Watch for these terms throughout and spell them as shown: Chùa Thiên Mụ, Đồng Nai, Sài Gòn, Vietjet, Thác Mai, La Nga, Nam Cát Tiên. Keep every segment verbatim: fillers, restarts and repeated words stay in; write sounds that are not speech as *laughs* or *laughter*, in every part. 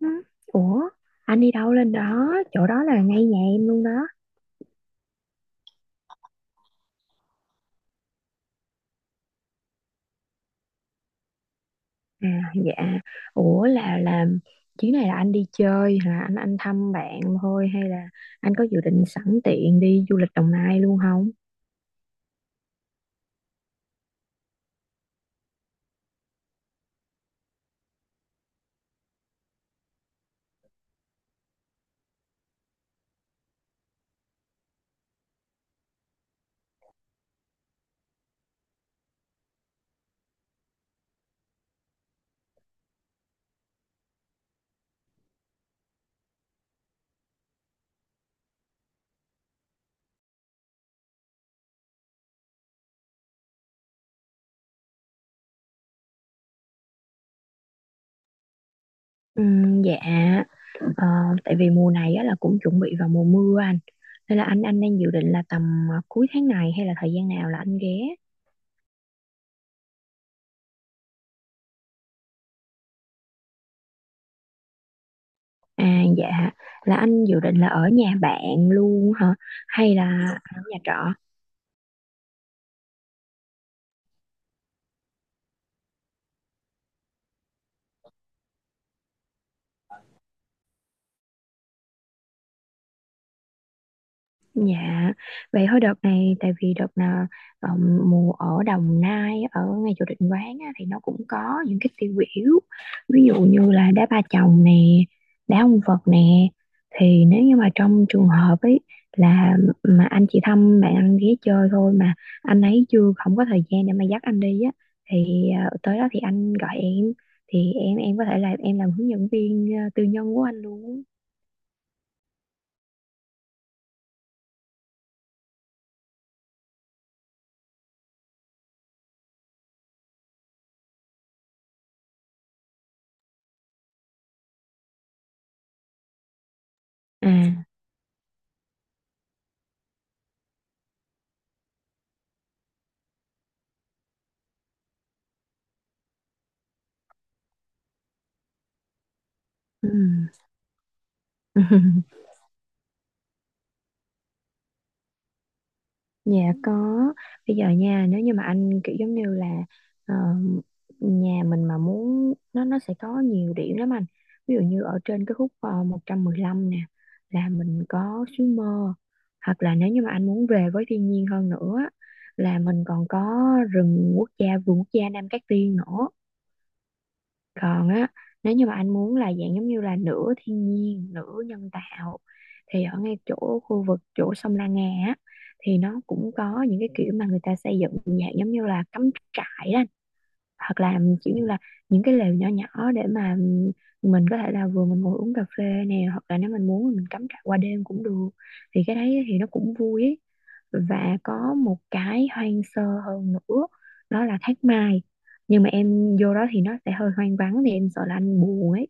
Ừ. Ủa, anh đi đâu lên đó? Chỗ đó là ngay nhà em luôn đó. À, dạ. Ủa là là chuyến này là anh đi chơi hả? Anh anh thăm bạn thôi hay là anh có dự định sẵn tiện đi du lịch Đồng Nai luôn không? Ừ, dạ. Ờ, Tại vì mùa này á là cũng chuẩn bị vào mùa mưa anh. Nên là anh anh đang dự định là tầm à, cuối tháng này hay là thời gian nào là anh ghé? À, dạ. Là anh dự định là ở nhà bạn luôn hả? Hay là ở nhà trọ? Dạ, vậy thôi đợt này tại vì đợt nào ờm, mùa ở Đồng Nai ở ngay chỗ định quán á, thì nó cũng có những cái tiêu biểu, ví dụ như là đá ba chồng nè, đá ông Phật nè. Thì nếu như mà trong trường hợp ấy là mà anh chị thăm bạn anh ghé chơi thôi, mà anh ấy chưa không có thời gian để mà dắt anh đi á, thì ờ, tới đó thì anh gọi em, thì em em có thể là em làm hướng dẫn viên ờ, tư nhân của anh luôn. À. Ừ. *laughs* Dạ có. Bây giờ nha, nếu như mà anh kiểu giống như là ờ, nhà mình mà muốn, nó nó sẽ có nhiều điểm lắm anh. Ví dụ như ở trên cái khúc uh, một trăm mười lăm nè, là mình có suối mơ. Hoặc là nếu như mà anh muốn về với thiên nhiên hơn nữa á, là mình còn có rừng quốc gia, vườn quốc gia Nam Cát Tiên nữa. Còn á, nếu như mà anh muốn là dạng giống như là nửa thiên nhiên nửa nhân tạo, thì ở ngay chỗ khu vực chỗ sông La Nga á, thì nó cũng có những cái kiểu mà người ta xây dựng dạng giống như là cắm trại đó, hoặc là kiểu như là những cái lều nhỏ nhỏ để mà mình có thể là vừa mình ngồi uống cà phê nè, hoặc là nếu mình muốn thì mình cắm trại qua đêm cũng được, thì cái đấy thì nó cũng vui ấy. Và có một cái hoang sơ hơn nữa, đó là Thác Mai, nhưng mà em vô đó thì nó sẽ hơi hoang vắng, thì em sợ là anh buồn ấy.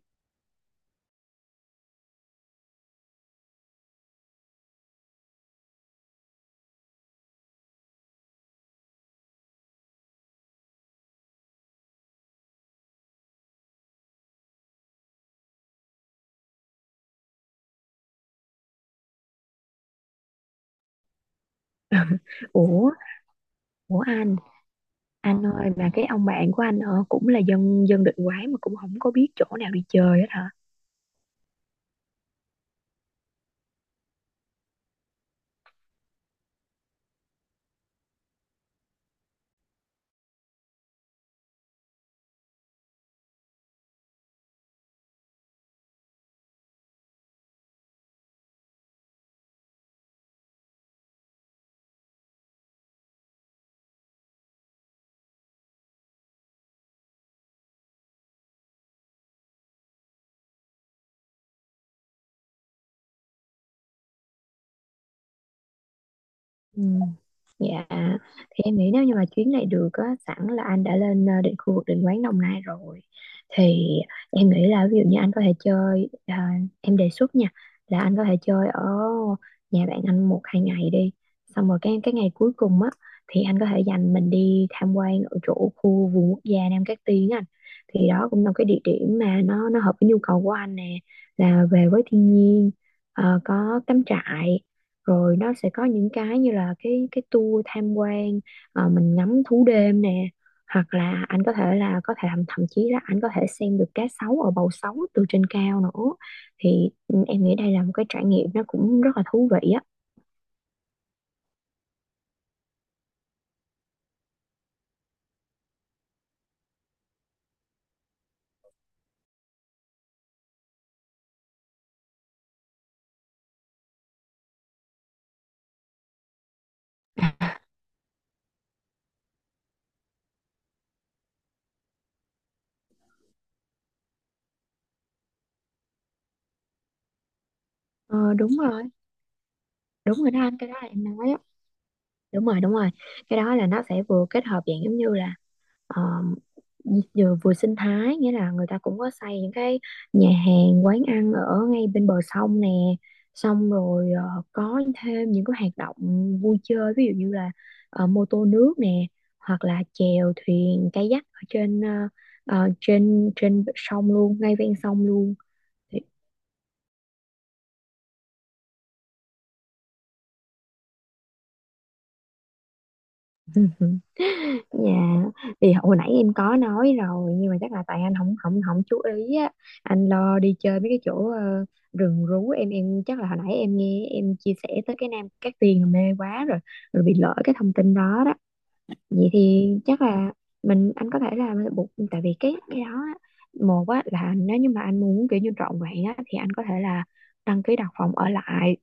*laughs* ủa ủa anh anh ơi, mà cái ông bạn của anh ờ, cũng là dân dân định quán, mà cũng không có biết chỗ nào đi chơi hết hả? Ừ. Dạ, thì em nghĩ nếu như mà chuyến này được á, sẵn là anh đã lên ờ, định khu vực định quán Đồng Nai rồi, thì em nghĩ là ví dụ như anh có thể chơi, ờ, em đề xuất nha, là anh có thể chơi ở nhà bạn anh một hai ngày đi, xong rồi cái cái ngày cuối cùng á thì anh có thể dành mình đi tham quan ở chỗ khu vườn quốc gia Nam Cát Tiên á anh. Thì đó cũng là một cái địa điểm mà nó nó hợp với nhu cầu của anh nè, là về với thiên nhiên, ờ, có cắm trại, rồi nó sẽ có những cái như là cái cái tour tham quan, ờ, mình ngắm thú đêm nè, hoặc là anh có thể là có thể thậm, thậm chí là anh có thể xem được cá sấu ở bầu sấu từ trên cao nữa, thì ừ, em nghĩ đây là một cái trải nghiệm nó cũng rất là thú vị á. Ờ, Đúng rồi, đúng rồi đó anh, cái đó là em nói á. Đúng rồi, đúng rồi. Cái đó là nó sẽ vừa kết hợp dạng giống như là um, vừa, vừa sinh thái, nghĩa là người ta cũng có xây những cái nhà hàng quán ăn ở ngay bên bờ sông nè, xong rồi ờ, có thêm những cái hoạt động vui chơi, ví dụ như là ờ, mô tô nước nè, hoặc là chèo thuyền kayak ở trên, ờ, ờ, trên trên sông luôn, ngay ven sông luôn thì. Ừ. Dạ, thì hồi nãy em có nói rồi, nhưng mà chắc là tại anh không không không chú ý á, anh lo đi chơi mấy cái chỗ ờ, rừng rú. Em em chắc là hồi nãy em nghe, em chia sẻ tới cái Nam Cát Tiên là mê quá rồi, rồi bị lỡ cái thông tin đó đó. Vậy thì chắc là mình anh có thể là buộc, tại vì cái cái đó á, một á là nếu như mà anh muốn kiểu như trọn vẹn á thì anh có thể là đăng ký đặt phòng ở lại,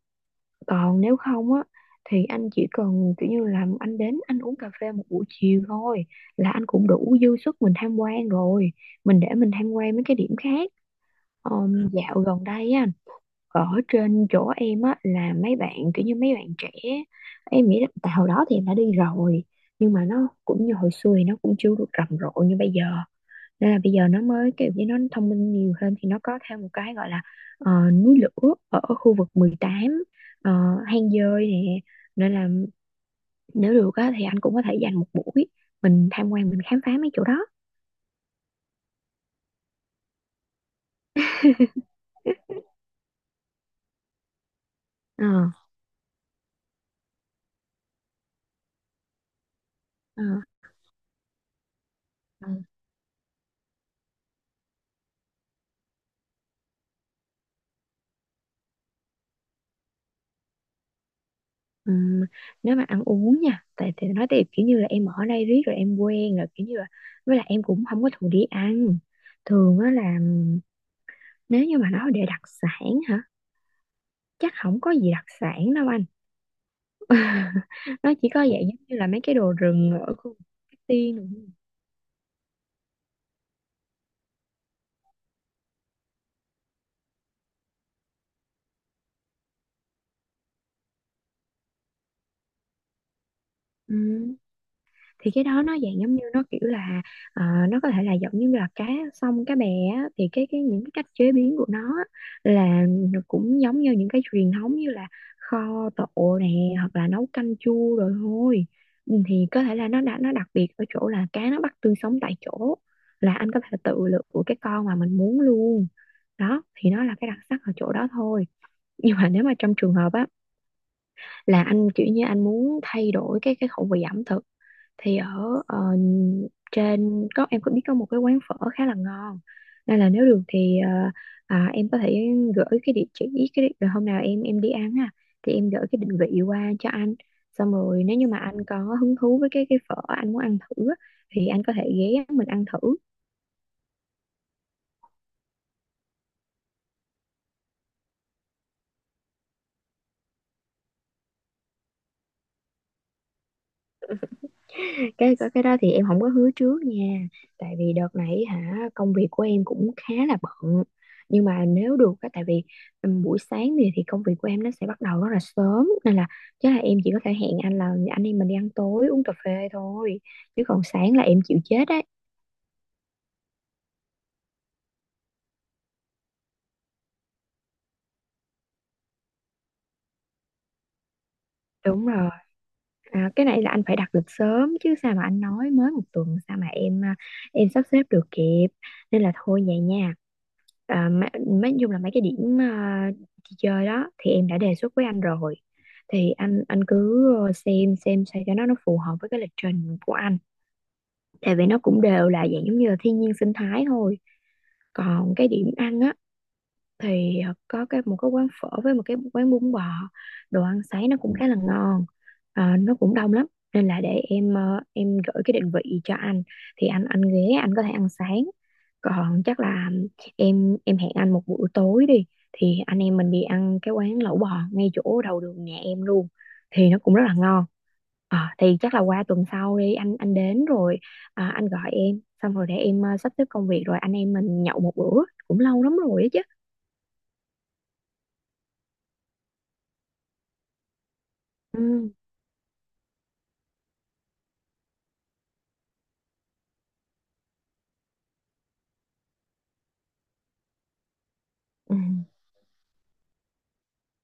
còn nếu không á thì anh chỉ cần kiểu như là anh đến anh uống cà phê một buổi chiều thôi, là anh cũng đủ dư sức mình tham quan rồi. Mình để mình tham quan mấy cái điểm khác. Ờm, dạo gần đây á, ở trên chỗ em á là mấy bạn kiểu như mấy bạn trẻ, em nghĩ là tại hồi đó thì em đã đi rồi, nhưng mà nó cũng như hồi xưa thì nó cũng chưa được rầm rộ như bây giờ, nên là bây giờ nó mới kiểu như nó thông minh nhiều hơn, thì nó có thêm một cái gọi là ờ, núi lửa ở khu vực mười tám, ờ, hang dơi nè, nên là nếu được á, thì anh cũng có thể dành một buổi mình tham quan, mình khám phá mấy chỗ đó. Ờ, ờ, ờ. Ừm, Nếu mà ăn uống nha, tại thì nói tiếp kiểu như là em ở đây riết rồi em quen rồi, kiểu như là, với lại em cũng không có thường đi ăn, thường á là nếu như mà nói để đặc sản hả, chắc không có gì đặc sản đâu anh. *laughs* Nó chỉ có dạng giống như là mấy cái đồ rừng ở khu vực Cát Tiên rồi. Ừ, thì cái đó nó dạng giống như nó kiểu là ờ, nó có thể là giống như là cá sông cá bè á, thì cái cái những cái cách chế biến của nó á, là nó cũng giống như những cái truyền thống như là kho tộ nè, hoặc là nấu canh chua rồi thôi. Ừ, thì có thể là nó đã, nó đặc biệt ở chỗ là cá nó bắt tươi sống tại chỗ, là anh có thể tự lựa của cái con mà mình muốn luôn, đó thì nó là cái đặc sắc ở chỗ đó thôi. Nhưng mà nếu mà trong trường hợp á, là anh kiểu như anh muốn thay đổi cái cái khẩu vị ẩm thực, thì ở ờ, trên có em có biết có một cái quán phở khá là ngon, nên là nếu được thì ờ, à, em có thể gửi cái địa chỉ, cái rồi hôm nào em em đi ăn ha, thì em gửi cái định vị qua cho anh, xong rồi nếu như mà anh có hứng thú với cái cái phở anh muốn ăn thử á, thì anh có thể ghé mình ăn thử. Cái cái cái đó thì em không có hứa trước nha, tại vì đợt này hả công việc của em cũng khá là bận, nhưng mà nếu được á tại vì ừm, buổi sáng thì thì công việc của em nó sẽ bắt đầu rất là sớm, nên là chắc là em chỉ có thể hẹn anh là anh em mình đi ăn tối, uống cà phê thôi, chứ còn sáng là em chịu chết đấy. Đúng rồi. À, cái này là anh phải đặt lịch sớm chứ, sao mà anh nói mới một tuần sao mà em, à, em sắp xếp được kịp, nên là thôi vậy nha. À, mà- nói chung là mấy cái điểm à, đi chơi đó thì em đã đề xuất với anh rồi, thì anh anh cứ ờ, xem xem sao cho nó nó phù hợp với cái lịch trình của anh, tại vì nó cũng đều là dạng giống như là thiên nhiên sinh thái thôi. Còn cái điểm ăn á thì ờ, có cái một cái quán phở với một cái quán bún bò, đồ ăn sáng nó cũng khá là ngon. Ờ, nó cũng đông lắm, nên là để em ờ, em gửi cái định vị cho anh, thì anh anh ghé anh có thể ăn sáng. Còn chắc là em em hẹn anh một buổi tối đi, thì anh em mình đi ăn cái quán lẩu bò ngay chỗ đầu đường nhà em luôn, thì nó cũng rất là ngon. Ờ, thì chắc là qua tuần sau đi, anh anh đến rồi à, anh gọi em, xong rồi để em ờ, sắp xếp công việc, rồi anh em mình nhậu một bữa, cũng lâu lắm rồi á chứ. Ừ, ừ,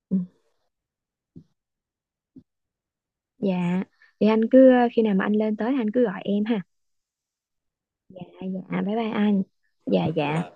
ừ. Dạ, thì anh cứ khi nào mà anh lên tới anh cứ gọi em ha. Dạ, dạ, bye bye anh. Dạ, dạ.